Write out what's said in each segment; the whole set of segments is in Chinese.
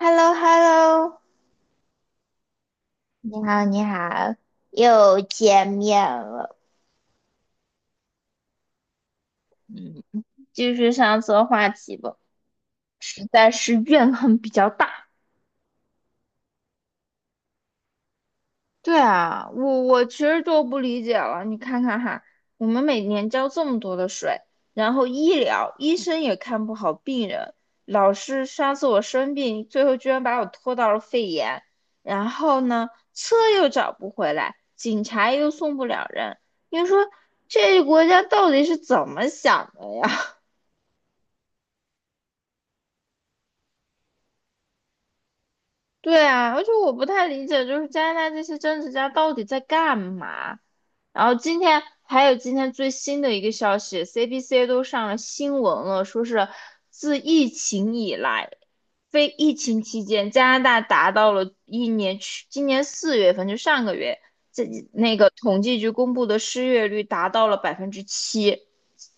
h e l l o h e l l o 你好，你好，又见面了。嗯，继续上次的话题吧，实在是怨恨比较大。对啊，我其实就不理解了。你看看哈，我们每年交这么多的税，然后医疗医生也看不好病人，老师上次我生病，最后居然把我拖到了肺炎，然后呢，车又找不回来，警察又送不了人。你说这个国家到底是怎么想的呀？对啊，而且我不太理解，就是加拿大这些政治家到底在干嘛？然后今天还有今天最新的一个消息，CBC 都上了新闻了，说是自疫情以来，非疫情期间，加拿大达到了一年去今年四月份就上个月，这那个统计局公布的失业率达到了百分之七，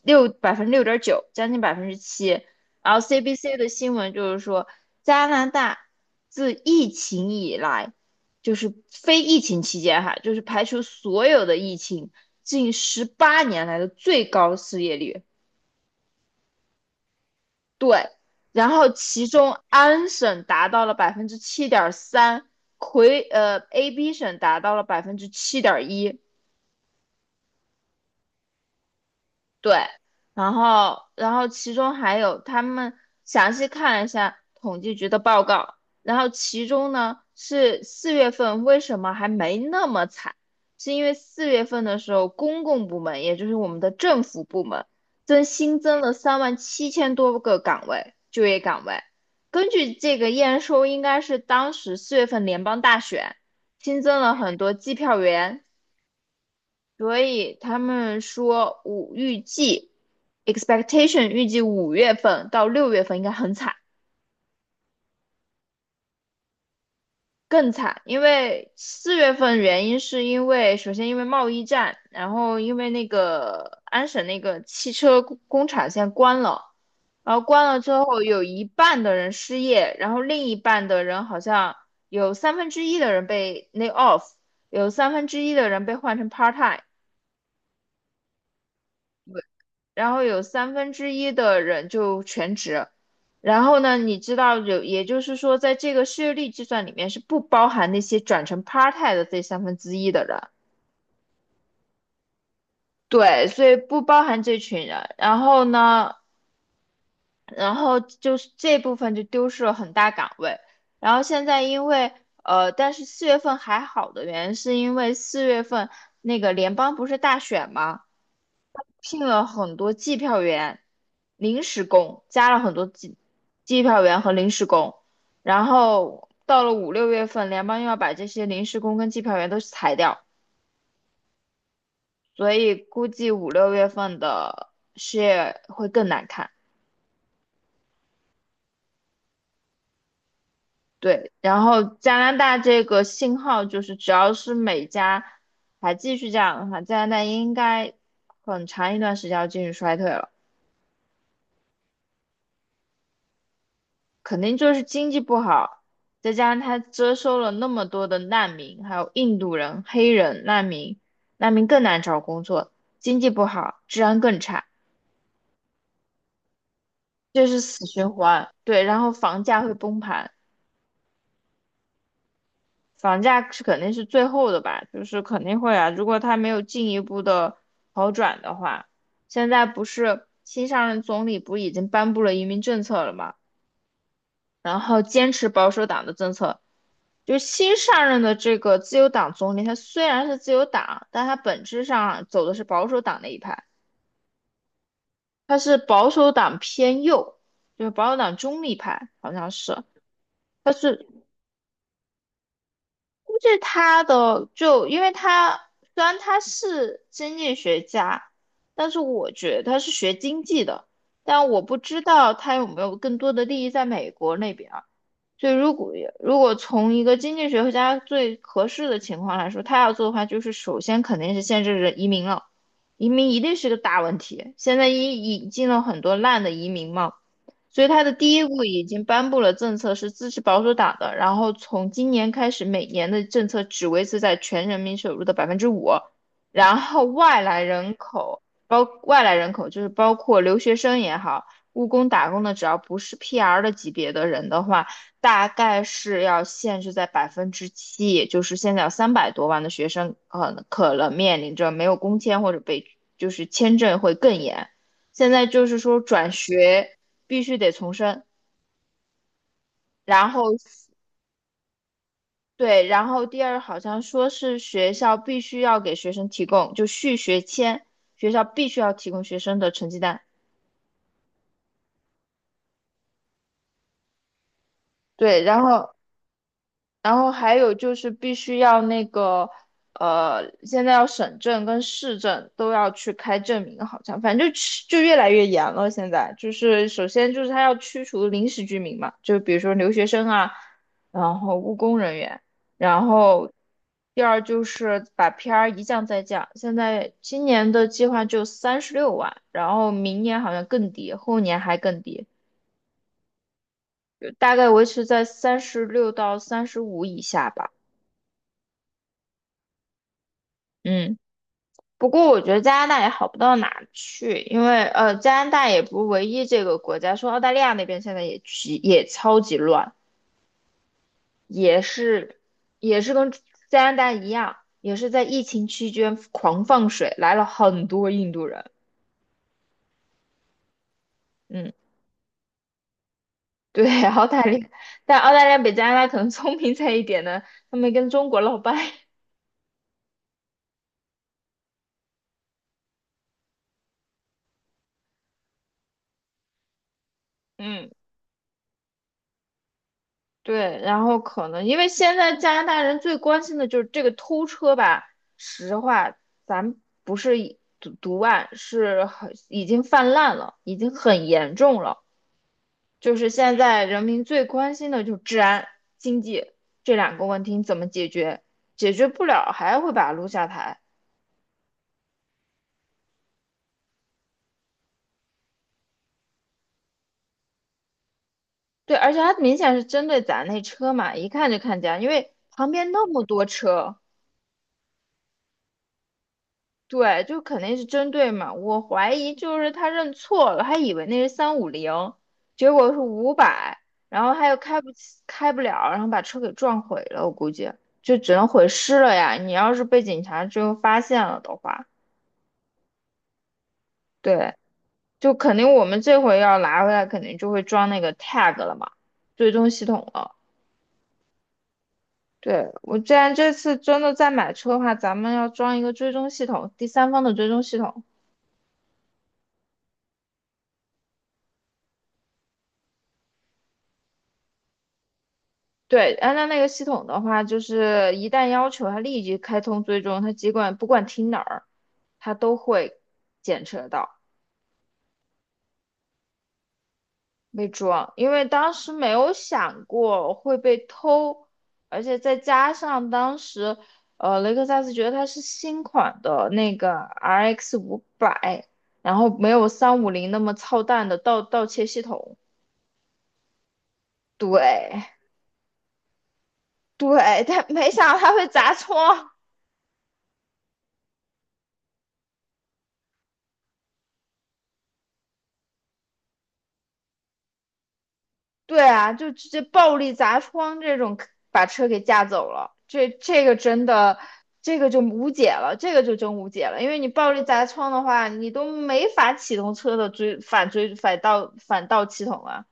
6.9%，将近百分之七。然后 CBC 的新闻就是说，加拿大自疫情以来，就是非疫情期间哈，就是排除所有的疫情，近18年来的最高失业率。对，然后其中安省达到了7.3%，AB 省达到了7.1%，对，然后其中还有他们详细看了一下统计局的报告，然后其中呢是四月份为什么还没那么惨，是因为四月份的时候公共部门，也就是我们的政府部门，新增了3.7万多个岗位，就业岗位。根据这个验收，应该是当时四月份联邦大选新增了很多计票员、所以他们说预计 预计五月份到六月份应该很惨，更惨，因为四月份原因是因为首先因为贸易战，然后因为那个安省那个汽车工厂现在关了，然后关了之后有一半的人失业，然后另一半的人好像有三分之一的人被 lay off，有1/3的人被换成 part time。然后有三分之一的人就全职。然后呢，你知道有，也就是说，在这个失业率计算里面是不包含那些转成 part time 的这1/3的人，对，所以不包含这群人。然后呢，然后就是这部分就丢失了很大岗位。然后现在因为呃，但是四月份还好的原因是因为四月份那个联邦不是大选吗？聘了很多计票员、临时工，加了很多计票员和临时工。然后到了五六月份，联邦又要把这些临时工跟计票员都裁掉，所以估计五六月份的失业会更难看。对，然后加拿大这个信号就是，只要是美加还继续这样的话，加拿大应该很长一段时间要进入衰退了。肯定就是经济不好，再加上他接收了那么多的难民，还有印度人、黑人难民，难民更难找工作，经济不好，治安更差，这是死循环。对，然后房价会崩盘，房价是肯定是最后的吧，就是肯定会啊，如果他没有进一步的好转的话，现在不是新上任总理不已经颁布了移民政策了吗？然后坚持保守党的政策，就是新上任的这个自由党总理，他虽然是自由党，但他本质上走的是保守党那一派，他是保守党偏右，就是保守党中立派，好像是。但是估计他的就因为他虽然他是经济学家，但是我觉得他是学经济的，但我不知道他有没有更多的利益在美国那边啊，所以如果从一个经济学家最合适的情况来说，他要做的话，就是首先肯定是限制人移民了，移民一定是个大问题。现在引进了很多烂的移民嘛，所以他的第一步已经颁布了政策，是支持保守党的，然后从今年开始，每年的政策只维持在全人民收入的5%，然后外来人口就是包括留学生也好。务工打工的，只要不是 PR 的级别的人的话，大概是要限制在百分之七，也就是现在有300多万的学生，呃，可能面临着没有工签或者就是签证会更严。现在就是说转学必须得重申，然后对，然后第二好像说是学校必须要给学生提供续学签，学校必须要提供学生的成绩单。对，然后还有就是必须要那个，呃，现在要省证跟市政都要去开证明，好像反正就越来越严了。现在就是首先就是他要驱除临时居民嘛，就比如说留学生啊，然后务工人员，然后第二就是把 PR 一降再降。现在今年的计划就36万，然后明年好像更低，后年还更低，就大概维持在三十六到三十五以下吧。嗯。不过我觉得加拿大也好不到哪儿去，因为呃，加拿大也不是唯一这个国家，说澳大利亚那边现在也超级乱，也是也是跟加拿大一样，也是在疫情期间狂放水，来了很多印度人。嗯，对，澳大利亚，但澳大利亚比加拿大可能聪明在一点呢，他们跟中国闹掰。嗯。对，然后可能因为现在加拿大人最关心的就是这个偷车吧。实话，咱不是一毒案，是很已经泛滥了，已经很严重了。就是现在人民最关心的就是治安、经济这两个问题你怎么解决？解决不了还会把他撸下台。对，而且他明显是针对咱那车嘛，一看就看见，因为旁边那么多车。对，就肯定是针对嘛。我怀疑就是他认错了，还以为那是三五零，结果是五百，然后他又开不起，开不了，然后把车给撞毁了。我估计就只能毁尸了呀。你要是被警察最后发现了的话，对，就肯定我们这回要拿回来，肯定就会装那个 tag 了嘛，追踪系统了。对，我既然这次真的再买车的话，咱们要装一个追踪系统，第三方的追踪系统。对，安娜那个系统的话，就是一旦要求它立即开通追踪，它不管停哪儿，它都会检测到被抓。因为当时没有想过会被偷，而且再加上当时，呃，雷克萨斯觉得它是新款的那个 RX 五百，然后没有三五零那么操蛋的盗窃系统。对对，但没想到它会砸窗，对啊，就直接暴力砸窗这种，把车给架走了。这个真的，这个就无解了，这个就真无解了。因为你暴力砸窗的话，你都没法启动车的追反追反倒反倒系统了，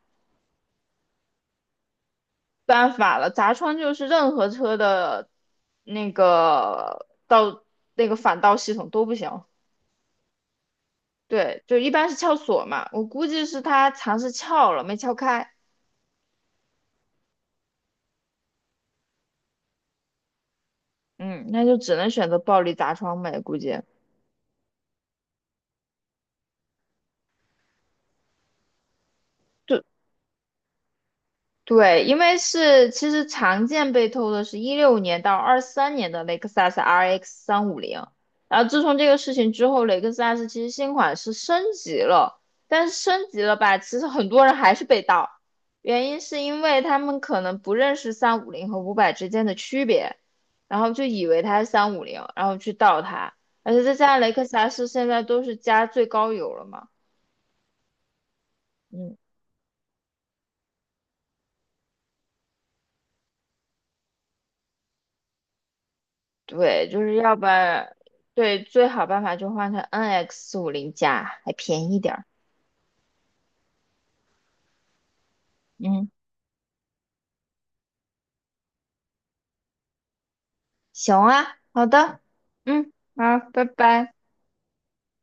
办法了。砸窗就是任何车的那个倒那个反倒系统都不行。对，就一般是撬锁嘛，我估计是他尝试撬了没撬开，嗯，那就只能选择暴力砸窗呗，估计。就对，因为是其实常见被偷的是一六年到二三年的雷克萨斯 RX 三五零，然后自从这个事情之后，雷克萨斯其实新款是升级了，但是升级了吧，其实很多人还是被盗，原因是因为他们可能不认识三五零和五百之间的区别，然后就以为它是三五零，然后去盗它，而且再加上雷克萨斯现在都是加最高油了嘛。嗯。对，就是要不然，对，最好办法就换成 NX 四五零加，还便宜点儿。嗯，行啊，好的，嗯，好，拜拜。